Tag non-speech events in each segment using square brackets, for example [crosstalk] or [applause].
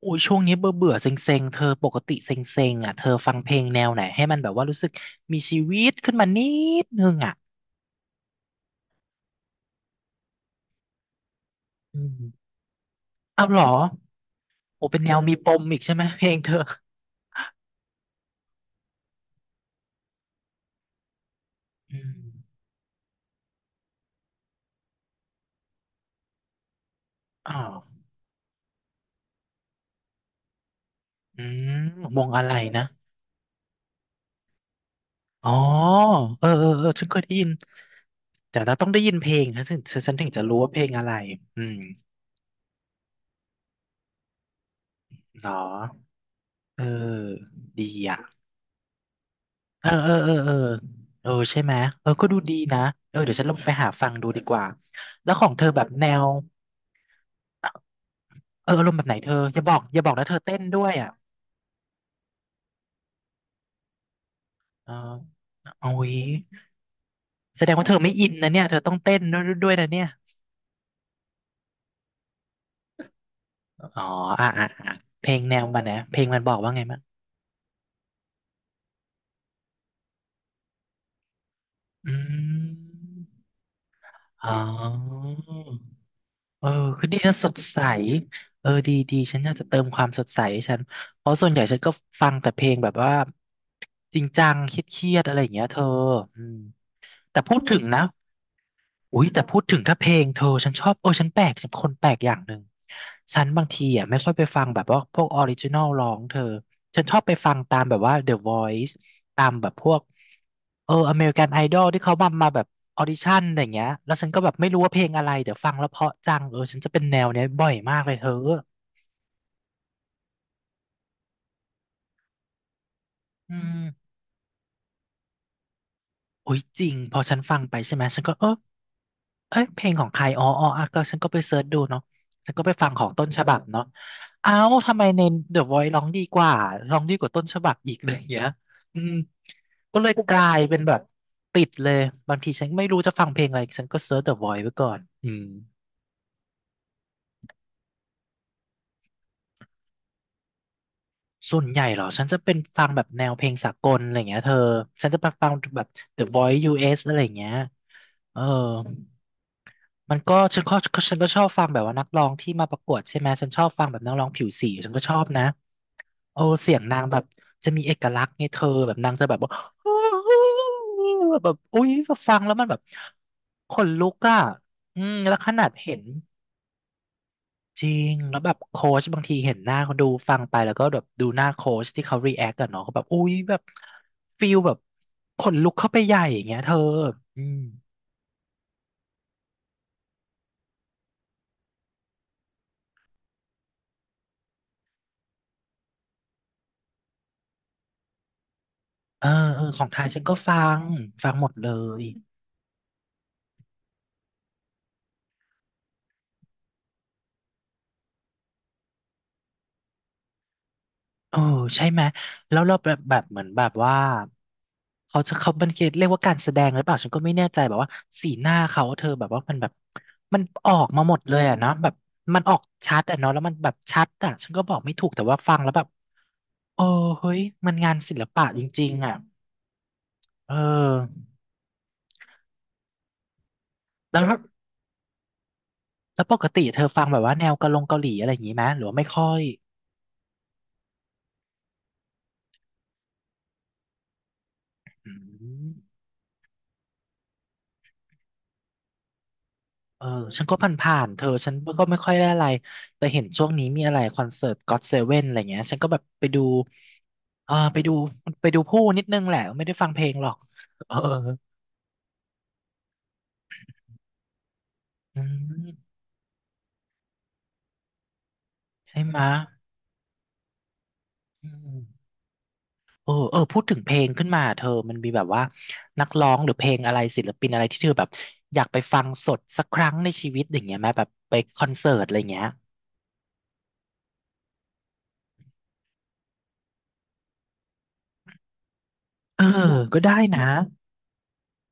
โอ้ยช่วงนี้เบื่อเบื่อเซ็งเซ็งๆเธอปกติเซ็งเซ็งอ่ะเธอฟังเพลงแนวไหนให้มันแบบว่ารู้สึกมีชีวิตขึ้นมานิดนึงอ่ะอืมเอาเหรอโอ้เป็นแนวมีปมอีกใช่ไหมเพลงเธออืมอ๋ออืมวงอะไรนะอ๋อเออเออเออฉันเคยได้ยินแต่เราต้องได้ยินเพลงนะฉันถึงจะรู้ว่าเพลงอะไรอืมเหรอเออดีอ่ะเออเออเออเออเออใช่ไหมเออก็ดูดีนะเออเดี๋ยวฉันลองไปหาฟังดูดีกว่าแล้วของเธอแบบแนว เอออารมณ์แบบไหนเธออย่าบอกอย่าบอกนะเธอเต้นด้วยอ่ะเออโอ้ยแสดงว่าเธอไม่อินนะเนี่ยเธอต้องเต้นด้วยนะเนี่ยอ๋ออ่ะอ่ะอ่ะเพลงแนวมันนะเพลงมันบอกว่าไงมั้างอืมอ๋อเออคือดีนะสดใสเออดีดีฉันอยากจะเติมความสดใสให้ฉันเพราะส่วนใหญ่ฉันก็ฟังแต่เพลงแบบว่าจริงจังเครียดๆอะไรอย่างเงี้ยเธออืมแต่พูดถึงนะ อุ้ยแต่พูดถึงถ้าเพลงเธอฉันชอบเออฉันแปลกฉันคนแปลกอย่างหนึ่งฉันบางทีอ่ะไม่ค่อยไปฟังแบบว่าพวกออริจินอลร้องเธอฉันชอบไปฟังตามแบบว่า The Voice ตามแบบพวกเอออเมริกันไอดอลที่เขามาแบบออดิชั่นอะไรอย่างเงี้ยแล้วฉันก็แบบไม่รู้ว่าเพลงอะไรเดี๋ยวฟังแล้วเพราะจังเออฉันจะเป็นแนวเนี้ยบ่อยมากเลยเธออืม โอ้ยจริงพอฉันฟังไปใช่ไหมฉันก็เออเอ้ยเพลงของใครอ๋ออ่ะก็ฉันก็ไปเสิร์ชดูเนาะฉันก็ไปฟังของต้นฉบับเนาะเอ้าทำไมใน The Voice ร้องดีกว่าร้องดีกว่าต้นฉบับอีกอะไรอย่างเงี้ยอืมก็เลยกลายเป็นแบบติดเลยบางทีฉันไม่รู้จะฟังเพลงอะไรฉันก็เสิร์ช The Voice ไว้ก่อนอืมส่วนใหญ่เหรอฉันจะเป็นฟังแบบแนวเพลงสากลอะไรอย่างเงี้ยเธอฉันจะไปฟังแบบ The Voice US อสอะไรอย่างเงี้ยเออ มันก็ฉันก็ชอบฟังแบบว่านักร้องที่มาประกวดใช่ไหมฉันชอบฟังแบบนักร้องผิวสีฉันก็ชอบนะโอ้เสียงนางแบบจะมีเอกลักษณ์ไงเธอแบบนางจะแบบว่า [laughs] แบบอุ้ยฟังแล้วมันแบบขนลุกอ่ะอืมแล้วขนาดเห็นจริงแล้วแบบโค้ชบางทีเห็นหน้าเขาดูฟังไปแล้วก็แบบดูหน้าโค้ชที่เขารีแอคกันเนาะเขาแบบอุ้ยแบบฟิลแบบขนลุกเข้าไปใหญ่อย่างเงี้ยเธออืมเออเออของไทยฉันก็ฟังฟังหมดเลย เออใช่ไหมแล้วเราแบบเหมือนแบบว่าเขาจะเขาบันเกตเรียกว่าการแสดงหรือเปล่าฉันก็ไม่แน่ใจแบบว่าสีหน้าเขาเธอแบบว่ามันแบบมันออกมาหมดเลยอะเนาะแบบมันออกชัดอะเนาะแล้วมันแบบชัดอะฉันก็บอกไม่ถูกแต่ว่าฟังแล้วแบบเออเฮ้ยมันงานศิลปะจริงๆอะเออแล้วแล้วปกติเธอฟังแบบว่าแนวกะลงเกาหลีอะไรอย่างนี้ไหมหรือว่าไม่ค่อยอืม เออฉันก็ผ่านๆ เธอฉันก็ไม่ค่อยได้อะไรแต่เห็นช่วงนี้มีอะไรคอนเสิร์ตก็ t เซเว่นอะไรเงี้ยฉันก็แบบไปดูเออไปดูไปดูผู้นิดนึงแหละไม่ได้ฟังเพลงหรอกเอออืมใช่ไหมะอืมเออเออพูดถึงเพลงขึ้นมาเธอมันมีแบบว่านักร้องหรือเพลงอะไรศิลปินอะไรที่เธอแบบอยากไปฟังสดสักครั้งในชีวิตอย่างเงี้ยไหมแบบไปคอนเสิร์ตอะไรเงี้ยเออ ก็ได้นะ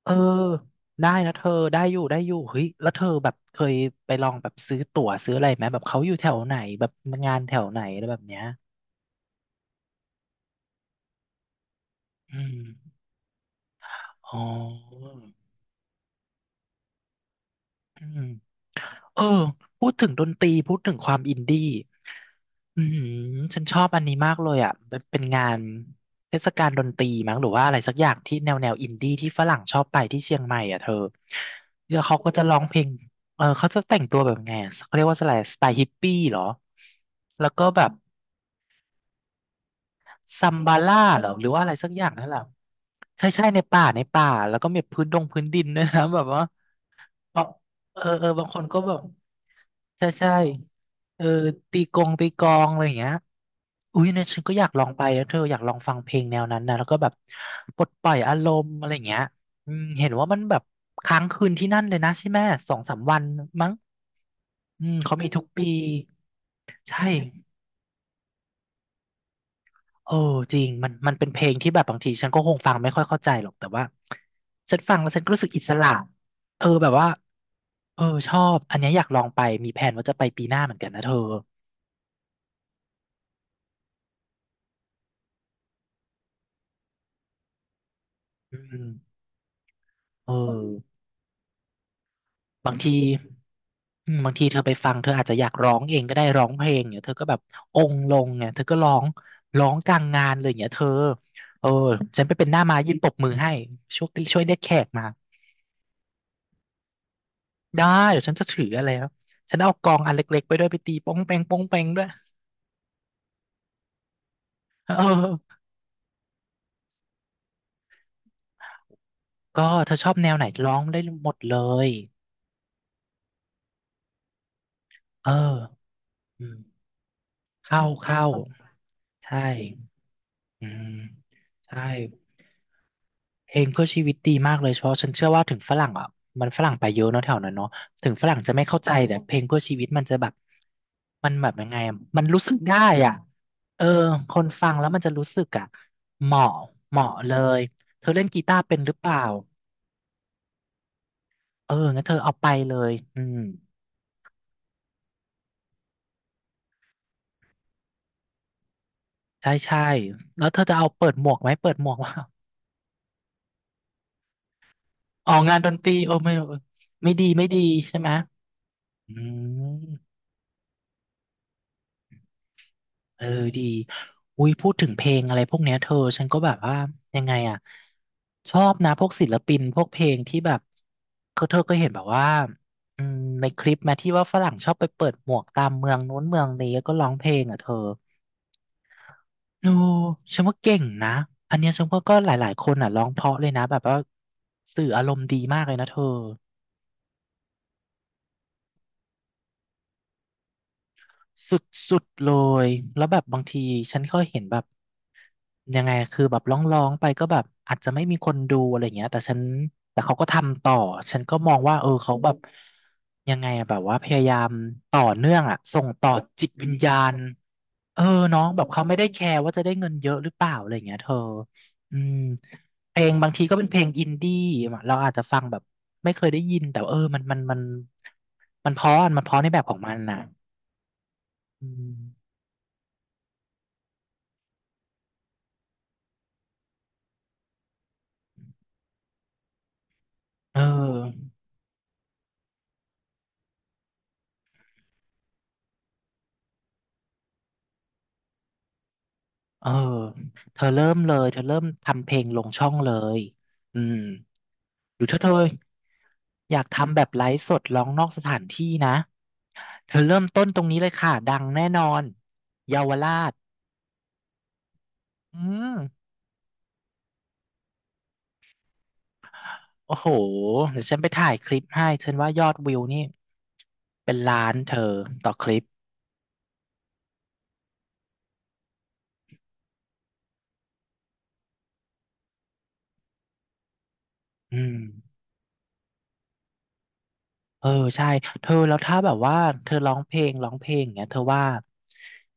เออได้นะเธอได้อยู่ได้อยู่เฮ้ยแล้วเธอแบบเคยไปลองแบบซื้อตั๋วซื้ออะไรไหมแบบเขาอยู่แถวไหนแบบงานแถวไหนอะไรแบบเนี้ยอืมอ๋อ อืมเออพูดถึงดนตรีพูดถึงความอินดี้อืมฉันชอบอันนี้มากเลยอ่ะเป็นงานเทศกาลดนตรีมั้งหรือว่าอะไรสักอย่างที่แนวอินดี้ที่ฝรั่งชอบไปที่เชียงใหม่อ่ะเธอแล้วเขาก็จะร้องเพลงเออเขาจะแต่งตัวแบบไงอะเขาเรียกว่าอะไรสไตล์ฮิปปี้เหรอแล้วก็แบบ ซัมบาล่าเหรอหรือว่าอะไรสักอย่างนั่นแหละใช่ใช่ในป่าแล้วก็มีพื้นดินด้วยนะแบบว่าเออเออบางคนก็แบบใช่ใช่เออตีกงตีกลองอะไรอย่างเงี้ยอุ้ยเนี่ยฉันก็อยากลองไปนะเธออยากลองฟังเพลงแนวนั้นนะแล้วก็แบบปลดปล่อยอารมณ์อะไรอย่างเงี้ยอืมเห็นว่ามันแบบค้างคืนที่นั่นเลยนะใช่ไหมสองสามวันมั้งอืมเขามีทุกปีใช่ เออจริงมันเป็นเพลงที่แบบบางทีฉันก็คงฟังไม่ค่อยเข้าใจหรอกแต่ว่าฉันฟังแล้วฉันก็รู้สึกอิสระเออแบบว่าเออชอบอันเนี้ยอยากลองไปมีแผนว่าจะไปปีหน้าเหมือนกันนะเธออืมเออบางทีอืมบางทีเธอไปฟังเธออาจจะอยากร้องเองก็ได้ร้องเพลงเนี่ยเธอก็แบบองค์ลงเนี่ยเธอก็ร้องกลางงานเลยเนี่ยเธอเออฉันไปเป็นหน้าม้ายืนปรบมือให้ช่วยเรียกแขกมา ได้เดี๋ยวฉันจะถืออะไรแล้วฉันเอากลองอันเล็กๆไปด้วยไปตีป้องแปงป้องแปงด้วยเออก็เธอชอบแนวไหนร้องได้หมดเลยเอออืมเข้าเข้าใช่อืมใช่เพลงเพื่อชีวิตดีมากเลยเพราะฉันเชื่อว่าถึงฝรั่งอ่ะมันฝรั่งไปเยอะเนอะแถวนั้นเนาะถึงฝรั่งจะไม่เข้าใจแต่เพลงเพื่อชีวิตมันจะแบบมันแบบยังไงอะมันรู้สึกได้อ่ะเออคนฟังแล้วมันจะรู้สึกอ่ะเหมาะเหมาะเลยเธอเล่นกีตาร์เป็นหรือเปล่า เอองั้นเธอเอาไปเลยอืมใช่ใช่แล้วเธอจะเอาเปิดหมวกไหมเปิดหมวกว่า [laughs] ออกงานดนตรีโอไม่อไม่ดีไม่ดีใช่ไหมอืมเออดีอุ้ยพูดถึงเพลงอะไรพวกเนี้ยเธอฉันก็แบบว่ายังไงอ่ะชอบนะพวกศิลปินพวกเพลงที่แบบเขาเธอก็เห็นแบบว่าอืมในคลิปแมที่ว่าฝรั่งชอบไปเปิดหมวกตามเมืองนู้นเมืองนี้แล้วก็ร้องเพลงอ่ะเธอ โอ้ฉันว่าเก่งนะ อันเนี้ยฉันว่าก็หลายๆ คนอ่ะร้องเพราะเลยนะแบบว่าสื่ออารมณ์ดีมากเลยนะเธอ สุดๆเลย แล้วแบบบางทีฉันก็เห็นแบบยังไงคือแบบร้องๆไปก็แบบอาจจะไม่มีคนดูอะไรอย่างเงี้ยแต่ฉันแต่เขาก็ทำต่อ ฉันก็มองว่าเออเขาแบบยังไงอะแบบว่าพยายามต่อเนื่องอะส่งต่อจิตวิญญาณเออเน้องแบบเขาไม่ได้แคร์ว่าจะได้เงินเยอะหรือเปล่าอะไรอย่างเงี้ยเธออืมเพลงบางทีก็เป็นเพลงอินดี้เราอาจจะฟังแบบไม่เคยได้ยินแต่ว่าเออมันมันเพราะอะมันเพราะในแบบของมันน่ะอืม เออเออ เธอเริ่มเลย เธอเริ่มทำเพลงลงช่องเลยอืมหรือถ้าเธออยากทำแบบไลฟ์สดร้องนอกสถานที่นะ เธอเริ่มต้นตรงนี้เลยค่ะ ดังแน่นอนเยาวราชอืมโอ้โหเดี๋ยวฉันไปถ่ายคลิปให้ฉันว่ายอดวิวนี่เป็นล้านเธอต่อคลิปอืม เออใช่เธอแล้วถ้าแบบว่าเธอร้องเพลงร้องเพลงอย่างเงี้ยเธอว่า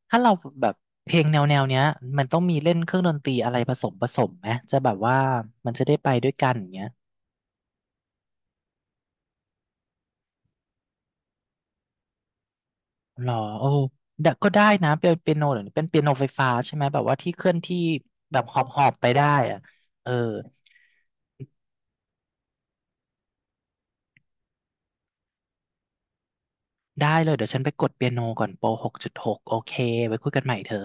ถ้าเราแบบเพลงแนวแนวเนี้ยมันต้องมีเล่นเครื่องดนตรีอะไรผสมไหมจะแบบว่ามันจะได้ไปด้วยกันอย่างเงี้ยหรอโอ้ดะก็ได้นะเป็นเปียโนหรือเป็นเปียโนไฟฟ้าใช่ไหมแบบว่าที่เคลื่อนที่แบบหอบไปได้อะเออได้เลยเดี๋ยวฉันไปกดเปียโนก่อนโปร6.6โอเคไว้คุยกันใหม่เธอ